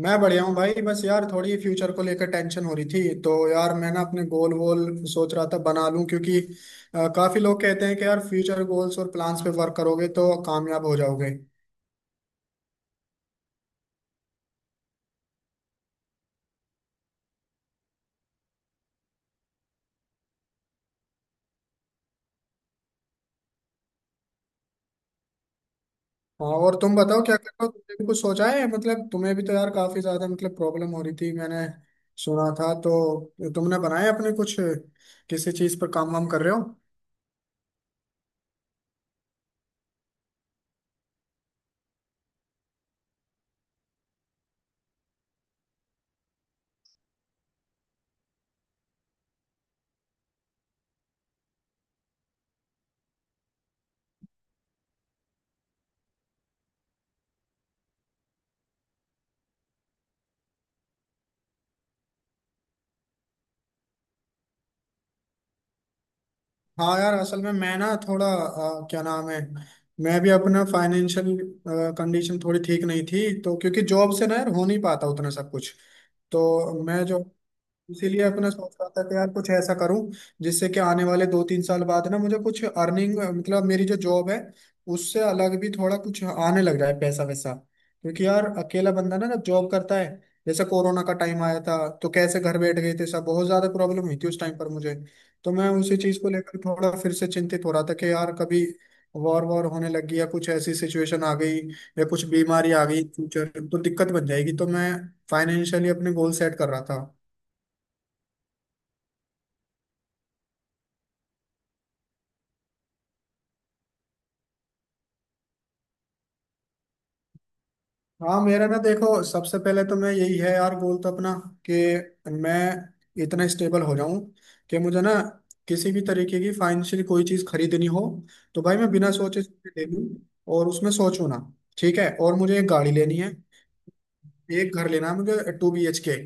मैं बढ़िया हूँ भाई। बस यार थोड़ी फ्यूचर को लेकर टेंशन हो रही थी, तो यार मैं ना अपने गोल वोल सोच रहा था बना लूं क्योंकि काफी लोग कहते हैं कि यार फ्यूचर गोल्स और प्लान्स पे वर्क करोगे तो कामयाब हो जाओगे। हाँ, और तुम बताओ क्या कर रहे हो? तुमने भी कुछ सोचा है? मतलब तुम्हें भी तो यार काफी ज्यादा मतलब प्रॉब्लम हो रही थी, मैंने सुना था। तो तुमने बनाए अपने कुछ, किसी चीज पर काम वाम कर रहे हो? हाँ यार, असल में मैं ना थोड़ा क्या नाम है, मैं भी अपना फाइनेंशियल कंडीशन थोड़ी ठीक नहीं थी तो, क्योंकि जॉब से ना यार हो नहीं पाता उतना सब कुछ। तो मैं जो इसीलिए अपना सोच रहा था कि यार कुछ ऐसा करूं जिससे कि आने वाले 2-3 साल बाद ना मुझे कुछ अर्निंग, मतलब मेरी जो जॉब है उससे अलग भी थोड़ा कुछ आने लग जाए पैसा वैसा। क्योंकि यार अकेला बंदा ना जब जॉब करता है, जैसे कोरोना का टाइम आया था तो कैसे घर बैठ गए थे सब, बहुत ज्यादा प्रॉब्लम हुई थी उस टाइम पर मुझे। तो मैं उसी चीज को लेकर थोड़ा फिर से चिंतित हो रहा था कि यार कभी वॉर वॉर होने लगी या कुछ ऐसी सिचुएशन आ गई या कुछ बीमारी आ गई फ्यूचर, तो दिक्कत बन जाएगी। तो मैं फाइनेंशियली अपने गोल सेट कर रहा था। हाँ मेरा ना देखो, सबसे पहले तो मैं यही है यार, गोल तो अपना कि मैं इतना स्टेबल हो जाऊं कि मुझे ना किसी भी तरीके की फाइनेंशियली कोई चीज खरीदनी हो तो भाई मैं बिना सोचे समझे ले लूं और उसमें सोचूं ना। ठीक है, और मुझे एक गाड़ी लेनी है, एक घर लेना है मुझे 2 BHK,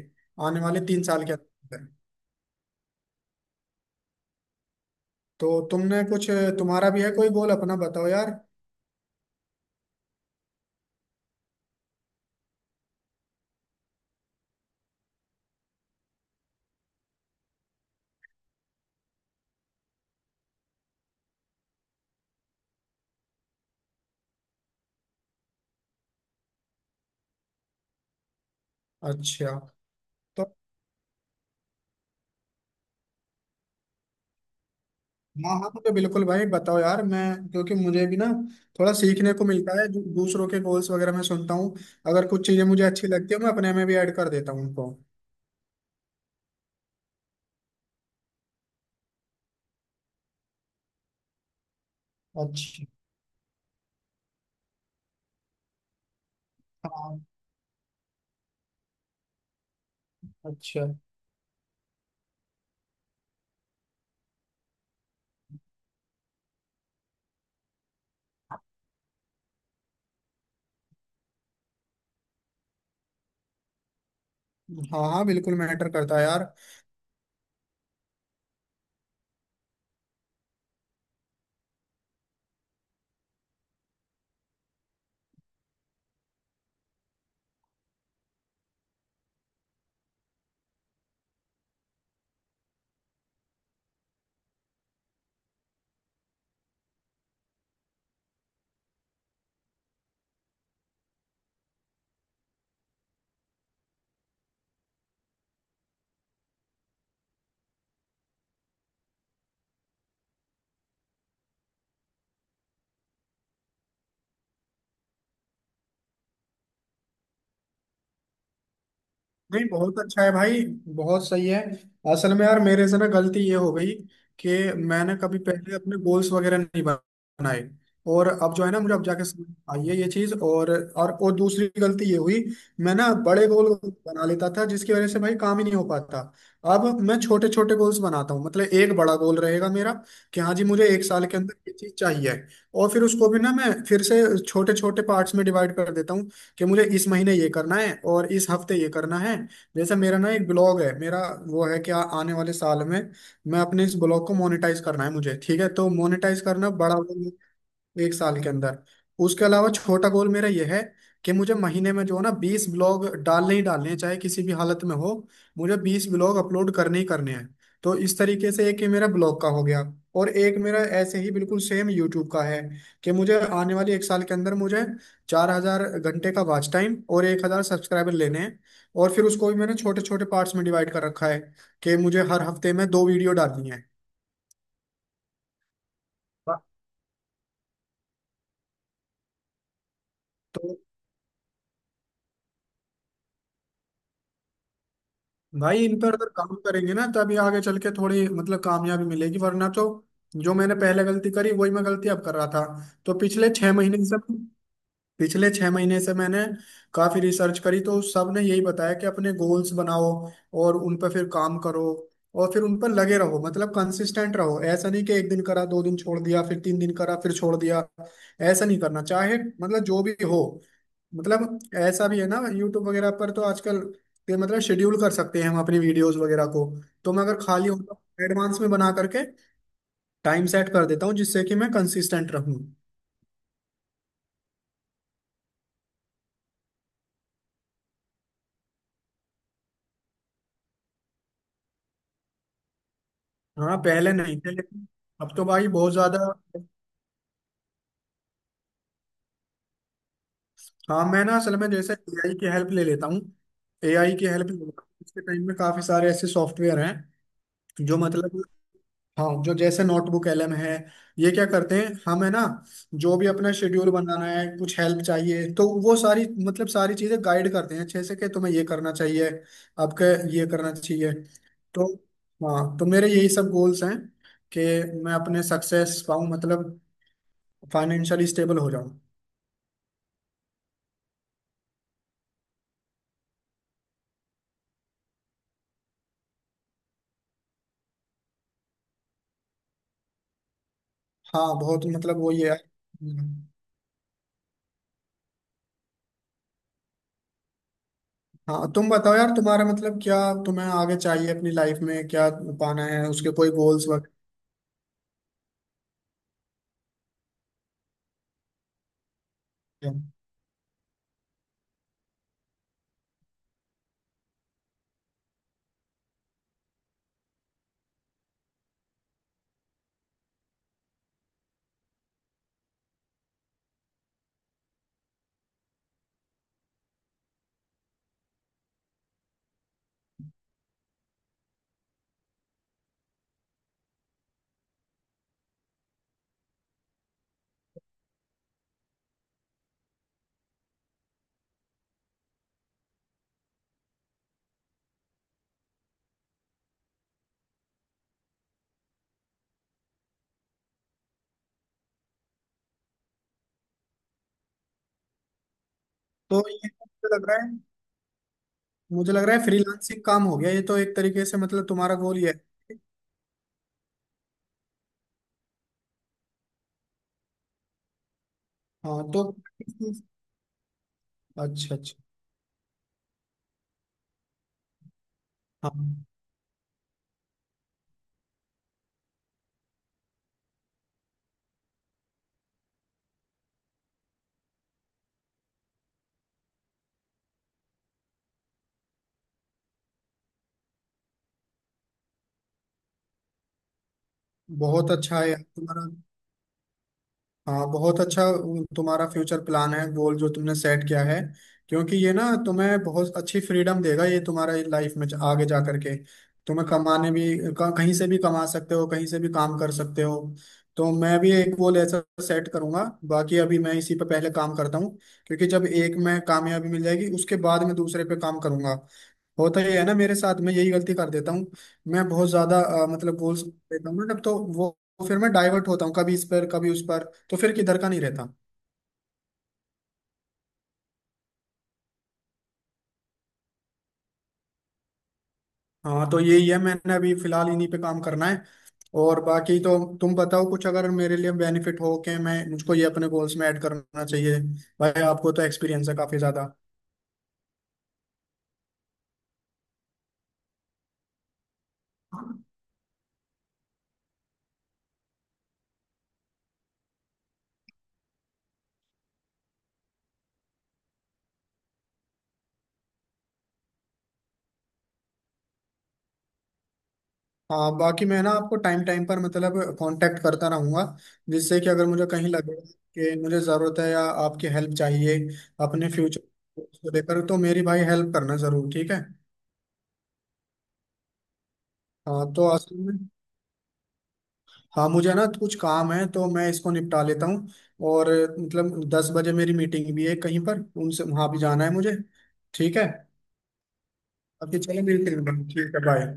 आने वाले 3 साल के अंदर। तो तुमने कुछ, तुम्हारा भी है कोई गोल? अपना बताओ यार। अच्छा। तो हाँ हाँ, तो बिल्कुल भाई, बताओ यार, मैं क्योंकि मुझे भी ना थोड़ा सीखने को मिलता है दूसरों के गोल्स वगैरह मैं सुनता हूँ। अगर कुछ चीजें मुझे अच्छी लगती है मैं अपने में भी ऐड कर देता हूँ उनको। अच्छा। हाँ। अच्छा। हाँ हाँ, बिल्कुल मैटर करता है यार। नहीं, बहुत अच्छा है भाई, बहुत सही है। असल में यार मेरे से ना गलती ये हो गई कि मैंने कभी पहले अपने गोल्स वगैरह नहीं बनाए। और अब जो है ना, मुझे अब जाके समझ आई है ये चीज। और दूसरी गलती ये हुई, मैं ना बड़े गोल बना लेता था जिसकी वजह से भाई काम ही नहीं हो पाता। अब मैं छोटे छोटे गोल्स बनाता हूँ, मतलब एक बड़ा गोल रहेगा मेरा कि हाँ जी, मुझे एक साल के अंदर ये चीज चाहिए। और फिर उसको भी ना मैं फिर से छोटे छोटे पार्ट्स में डिवाइड कर देता हूँ, कि मुझे इस महीने ये करना है और इस हफ्ते ये करना है। जैसे मेरा ना एक ब्लॉग है मेरा, वो है कि आने वाले साल में मैं अपने इस ब्लॉग को मोनेटाइज करना है मुझे। ठीक है, तो मोनेटाइज करना बड़ा, एक साल के अंदर। उसके अलावा छोटा गोल मेरा यह है कि मुझे महीने में जो है ना 20 ब्लॉग डालने ही डालने हैं, चाहे किसी भी हालत में हो, मुझे 20 ब्लॉग अपलोड करने ही करने हैं। तो इस तरीके से एक ये मेरा ब्लॉग का हो गया। और एक मेरा ऐसे ही बिल्कुल सेम यूट्यूब का है, कि मुझे आने वाले एक साल के अंदर मुझे 4,000 घंटे का वॉच टाइम और 1,000 सब्सक्राइबर लेने हैं। और फिर उसको भी मैंने छोटे छोटे पार्ट्स में डिवाइड कर रखा है कि मुझे हर हफ्ते में 2 वीडियो डालनी है। वाह। तो भाई इन पर अगर काम करेंगे ना तभी आगे चल के थोड़ी मतलब कामयाबी मिलेगी, वरना तो जो मैंने पहले गलती करी वही मैं गलती अब कर रहा था। तो पिछले 6 महीने से मैंने काफी रिसर्च करी, तो सब ने यही बताया कि अपने गोल्स बनाओ और उन पर फिर काम करो और फिर उन पर लगे रहो, मतलब कंसिस्टेंट रहो। ऐसा नहीं कि 1 दिन करा, 2 दिन छोड़ दिया, फिर 3 दिन करा फिर छोड़ दिया। ऐसा नहीं करना, चाहे मतलब जो भी हो मतलब। ऐसा भी है ना, यूट्यूब वगैरह पर तो आजकल ये, मतलब शेड्यूल कर सकते हैं हम अपनी वीडियोस वगैरह को। तो मैं अगर खाली होता, एडवांस में बना करके टाइम सेट कर देता हूँ जिससे कि मैं कंसिस्टेंट रहूँ। हाँ पहले नहीं थे, लेकिन अब तो भाई बहुत ज्यादा। हाँ मैं ना असल में जैसे एआई की हेल्प ले लेता हूँ, इसके टाइम में काफी सारे ऐसे सॉफ्टवेयर हैं जो मतलब, हाँ जो जैसे नोटबुक एलएम है, ये क्या करते हैं हमें ना जो भी अपना शेड्यूल बनाना है कुछ हेल्प चाहिए तो वो सारी, मतलब सारी चीजें गाइड करते हैं अच्छे से कि तुम्हें ये करना चाहिए, आपके ये करना चाहिए। तो हाँ, तो मेरे यही सब गोल्स हैं कि मैं अपने सक्सेस पाऊँ, मतलब फाइनेंशियली स्टेबल हो जाओ। हाँ बहुत, मतलब वो ये है। हम्म। हाँ, तुम बताओ यार तुम्हारा, मतलब क्या तुम्हें आगे चाहिए अपनी लाइफ में, क्या पाना है? उसके कोई गोल्स वगैरह हैं? तो ये मुझे लग रहा है, मुझे लग रहा है फ्रीलांसिंग काम हो गया ये तो, एक तरीके से मतलब तुम्हारा गोल ये है। हाँ तो। अच्छा अच्छा। हाँ बहुत अच्छा है यार तुम्हारा। हाँ बहुत अच्छा तुम्हारा फ्यूचर प्लान है, गोल जो तुमने सेट किया है। क्योंकि ये ना तुम्हें बहुत अच्छी फ्रीडम देगा, ये तुम्हारा लाइफ में आगे जा करके। तुम्हें कमाने भी, कहीं से भी कमा सकते हो, कहीं से भी काम कर सकते हो। तो मैं भी एक गोल ऐसा सेट करूंगा, बाकी अभी मैं इसी पे पहले काम करता हूँ। क्योंकि जब एक में कामयाबी मिल जाएगी उसके बाद मैं दूसरे पे काम करूंगा। होता ही है ना मेरे साथ में, यही गलती कर देता हूँ, मैं बहुत ज्यादा मतलब गोल्स देता हूँ ना, तब तो वो फिर मैं डाइवर्ट होता हूँ कभी इस पर कभी उस पर, तो फिर किधर का नहीं रहता। हाँ, तो यही है, मैंने अभी फिलहाल इन्हीं पे काम करना है। और बाकी तो तुम बताओ, कुछ अगर मेरे लिए बेनिफिट हो के मैं, मुझको ये अपने गोल्स में ऐड करना चाहिए। भाई आपको तो एक्सपीरियंस है काफी ज्यादा। हाँ, बाकी मैं ना आपको टाइम टाइम पर मतलब कांटेक्ट करता रहूंगा, जिससे कि अगर मुझे कहीं लगे कि मुझे ज़रूरत है या आपकी हेल्प चाहिए अपने फ्यूचर को लेकर, तो मेरी भाई हेल्प करना ज़रूर। ठीक है? हाँ तो असल में, हाँ मुझे ना कुछ काम है तो मैं इसको निपटा लेता हूँ। और मतलब 10 बजे मेरी मीटिंग भी है कहीं पर उनसे, वहाँ भी जाना है मुझे। ठीक है? अभी चलो मिलते हैं, ठीक है, बाय।